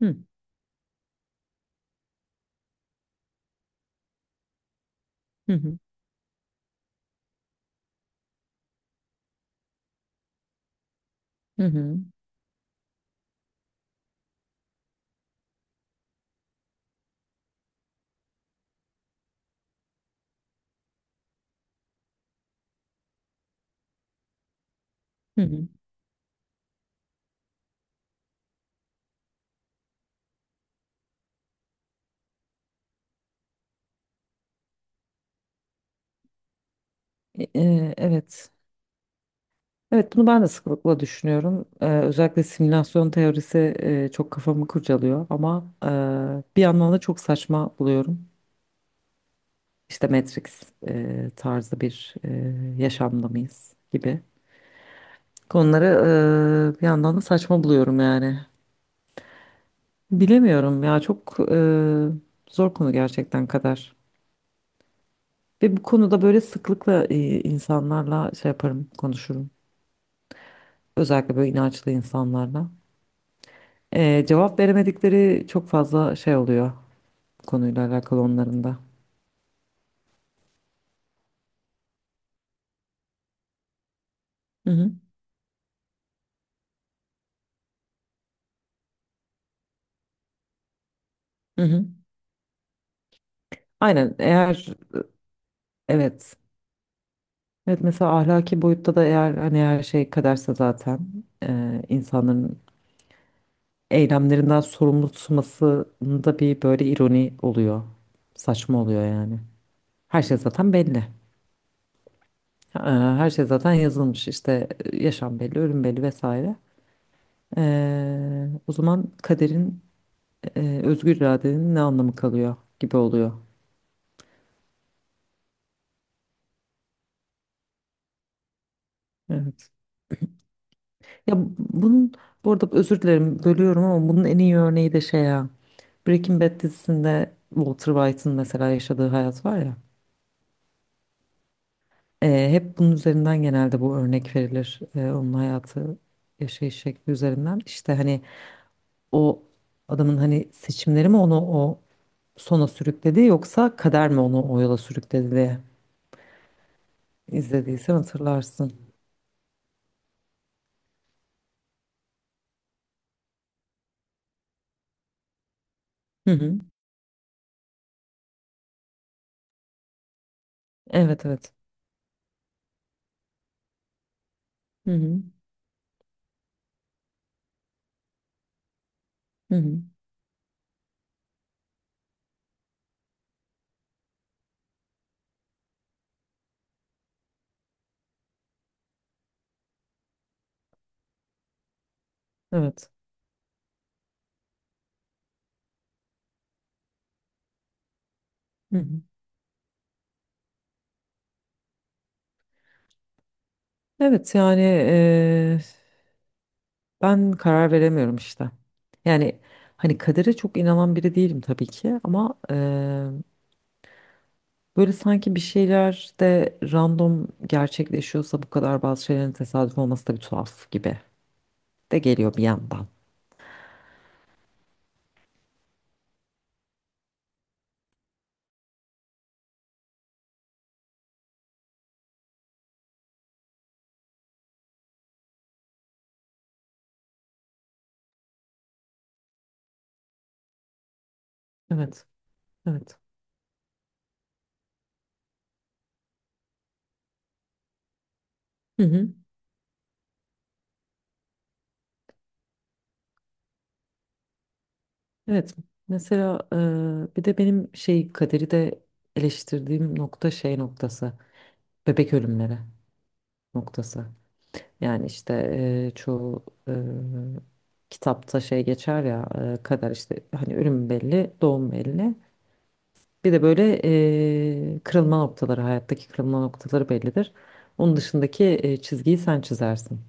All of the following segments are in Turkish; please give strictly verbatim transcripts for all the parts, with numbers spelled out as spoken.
Hı hı hı hı hı. Hı hı. E, e, evet. Evet bunu ben de sıklıkla düşünüyorum. E, özellikle simülasyon teorisi e, çok kafamı kurcalıyor ama e, bir yandan da çok saçma buluyorum. İşte Matrix e, tarzı bir e, yaşamda mıyız gibi. Konuları e, bir yandan da saçma buluyorum yani. Bilemiyorum ya çok e, zor konu gerçekten kadar. Ve bu konuda böyle sıklıkla e, insanlarla şey yaparım, konuşurum. Özellikle böyle inançlı insanlarla. Ee, cevap veremedikleri çok fazla şey oluyor konuyla alakalı onların da. Hı hı. Hı hı. Aynen eğer evet. Evet mesela ahlaki boyutta da eğer hani her şey kaderse zaten e, insanların eylemlerinden sorumlu tutmasında bir böyle ironi oluyor. Saçma oluyor yani. Her şey zaten belli. Ee, Her şey zaten yazılmış işte e, yaşam belli, ölüm belli vesaire. Ee, o zaman kaderin e, özgür iradenin ne anlamı kalıyor gibi oluyor. Evet. Ya bunun bu arada özür dilerim bölüyorum ama bunun en iyi örneği de şey ya Breaking Bad dizisinde Walter White'ın mesela yaşadığı hayat var ya e, hep bunun üzerinden genelde bu örnek verilir. E, onun hayatı yaşayış şekli üzerinden. İşte hani o adamın hani seçimleri mi onu o sona sürükledi yoksa kader mi onu o yola sürükledi diye izlediysen hatırlarsın. Hı hı. Evet evet. Hı hı. Hı hı. Evet. Hı hı. Evet yani eee, ben karar veremiyorum işte. Yani hani kadere çok inanan biri değilim tabii ki ama eee, böyle sanki bir şeyler de random gerçekleşiyorsa bu kadar bazı şeylerin tesadüf olması da bir tuhaf gibi de geliyor bir yandan. Evet, evet. Hı hı. Evet. Mesela eee, bir de benim şey kaderi de eleştirdiğim nokta şey noktası. Bebek ölümleri noktası. Yani işte e, çoğu e, kitapta şey geçer ya e, kader işte hani ölüm belli, doğum belli. Bir de böyle e, kırılma noktaları, hayattaki kırılma noktaları bellidir. Onun dışındaki e, çizgiyi sen çizersin.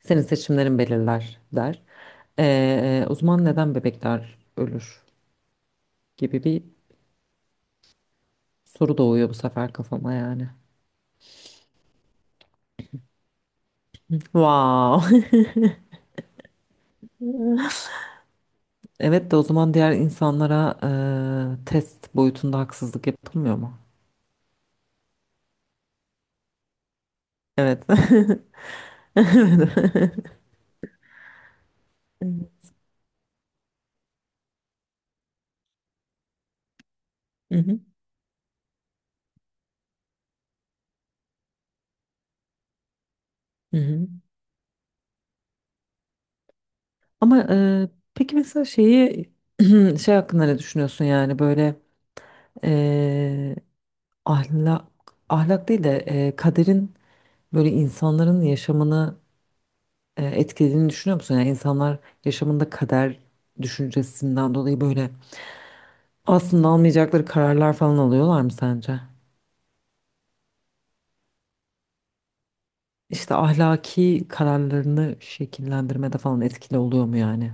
Senin seçimlerin belirler der. E, o zaman neden bebekler ölür gibi bir soru doğuyor bu sefer kafama yani. Wow. Evet de o zaman diğer insanlara e, test boyutunda haksızlık yapılmıyor mu? Evet. Evet. Hı hı, hı hı. Ama e, peki mesela şeyi şey hakkında ne düşünüyorsun yani böyle e, ahlak ahlak değil de e, kaderin böyle insanların yaşamını e, etkilediğini düşünüyor musun? Yani insanlar yaşamında kader düşüncesinden dolayı böyle aslında almayacakları kararlar falan alıyorlar mı sence? İşte ahlaki kararlarını şekillendirmede falan etkili oluyor mu yani?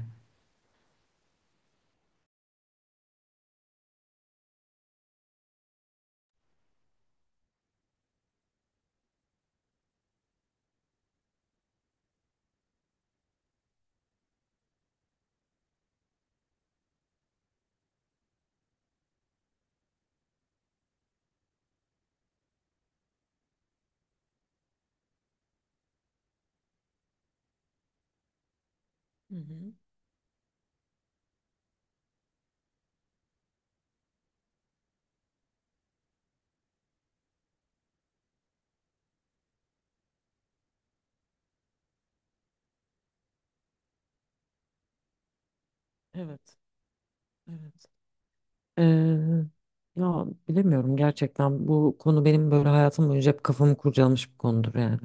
Hı hı. Evet, evet. Ee, Ya bilemiyorum gerçekten bu konu benim böyle hayatım boyunca hep kafamı kurcalamış bir konudur yani.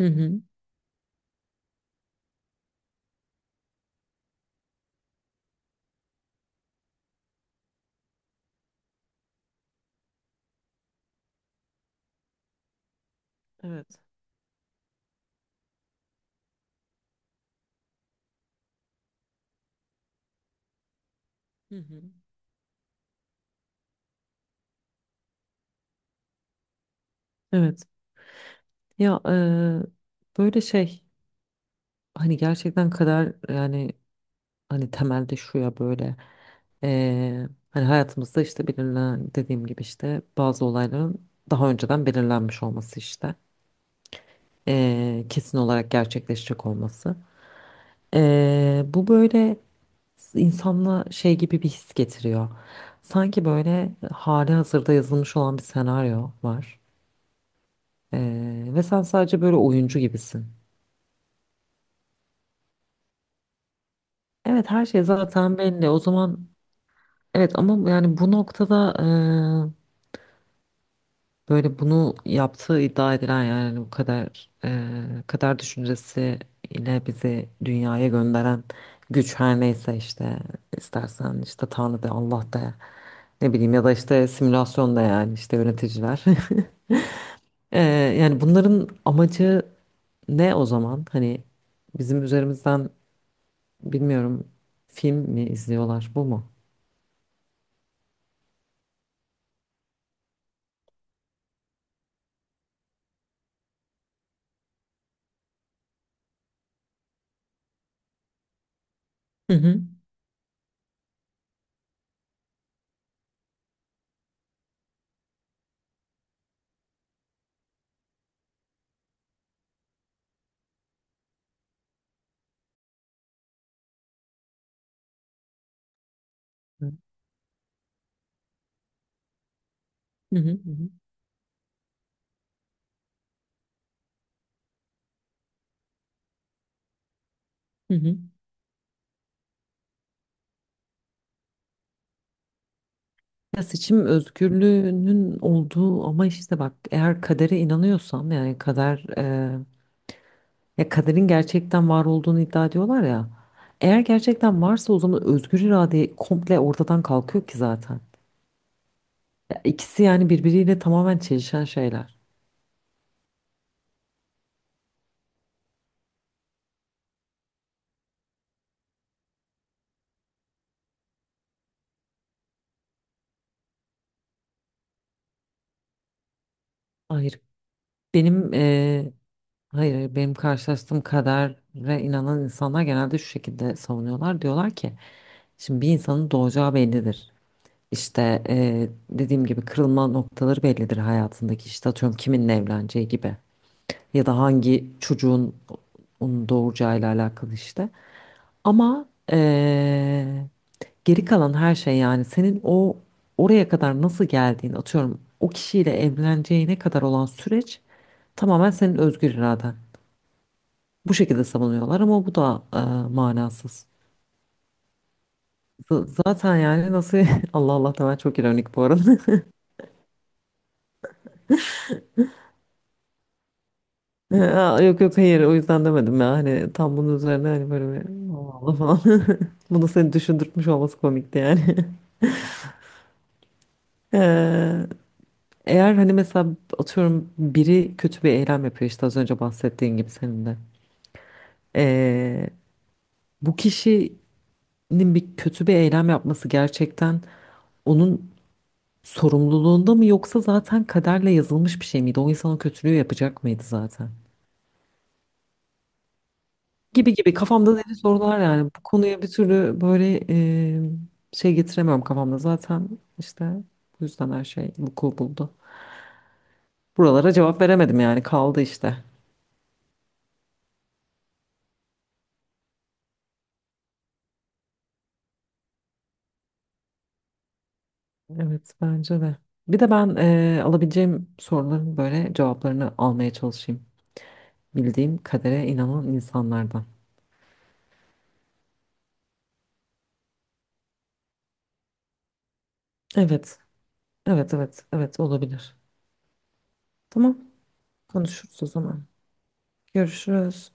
Hı hı. Evet. Hı hı. Evet. Ya e, böyle şey hani gerçekten kader yani hani temelde şu ya böyle eee, hani hayatımızda işte belirlen dediğim gibi işte bazı olayların daha önceden belirlenmiş olması işte eee, kesin olarak gerçekleşecek olması. Eee, bu böyle insanla şey gibi bir his getiriyor. Sanki böyle hali hazırda yazılmış olan bir senaryo var. Eee, ve sen sadece böyle oyuncu gibisin. Evet her şey zaten belli. O zaman evet ama yani bu noktada böyle bunu yaptığı iddia edilen yani bu kadar eee kader düşüncesi ile bizi dünyaya gönderen güç her neyse işte istersen işte Tanrı de Allah de ne bileyim ya da işte simülasyonda yani işte yöneticiler. Eee, Yani bunların amacı ne o zaman? Hani bizim üzerimizden bilmiyorum film mi izliyorlar bu mu? Hı hı. Hı hı hı hı. Hı hı. Ya seçim özgürlüğünün olduğu ama işte bak eğer kadere inanıyorsam yani kader e, ya kaderin gerçekten var olduğunu iddia ediyorlar ya. Eğer gerçekten varsa o zaman özgür irade komple ortadan kalkıyor ki zaten. Ya ikisi yani birbiriyle tamamen çelişen şeyler. Hayır benim e, hayır hayır, benim karşılaştığım kadere inanan insanlar genelde şu şekilde savunuyorlar. Diyorlar ki şimdi bir insanın doğacağı bellidir. İşte eee, dediğim gibi kırılma noktaları bellidir hayatındaki işte atıyorum kiminle evleneceği gibi ya da hangi çocuğun onu doğuracağıyla alakalı işte. Ama eee, geri kalan her şey yani senin o oraya kadar nasıl geldiğin atıyorum o kişiyle evleneceğine kadar olan süreç tamamen senin özgür iraden. Bu şekilde savunuyorlar ama bu da eee, manasız. Z- zaten yani nasıl Allah Allah da ben çok ironik bu arada. Aa, yok yok hayır o yüzden demedim ya hani tam bunun üzerine hani böyle bir Allah Allah falan bunu seni düşündürtmüş olması komikti yani. Ee, Eğer hani mesela atıyorum biri kötü bir eylem yapıyor işte az önce bahsettiğin gibi senin de. Ee, Bu kişinin bir kötü bir eylem yapması gerçekten onun sorumluluğunda mı yoksa zaten kaderle yazılmış bir şey miydi? O insan o kötülüğü yapacak mıydı zaten? Gibi gibi kafamda deli sorular yani. Bu konuya bir türlü böyle e, şey getiremiyorum kafamda. Zaten işte bu yüzden her şey vuku buldu. Buralara cevap veremedim yani kaldı işte. Evet bence de. Bir de ben e, alabileceğim soruların böyle cevaplarını almaya çalışayım. Bildiğim kadere inanan insanlardan. Evet, evet, evet, evet olabilir. Tamam, konuşuruz o zaman. Görüşürüz.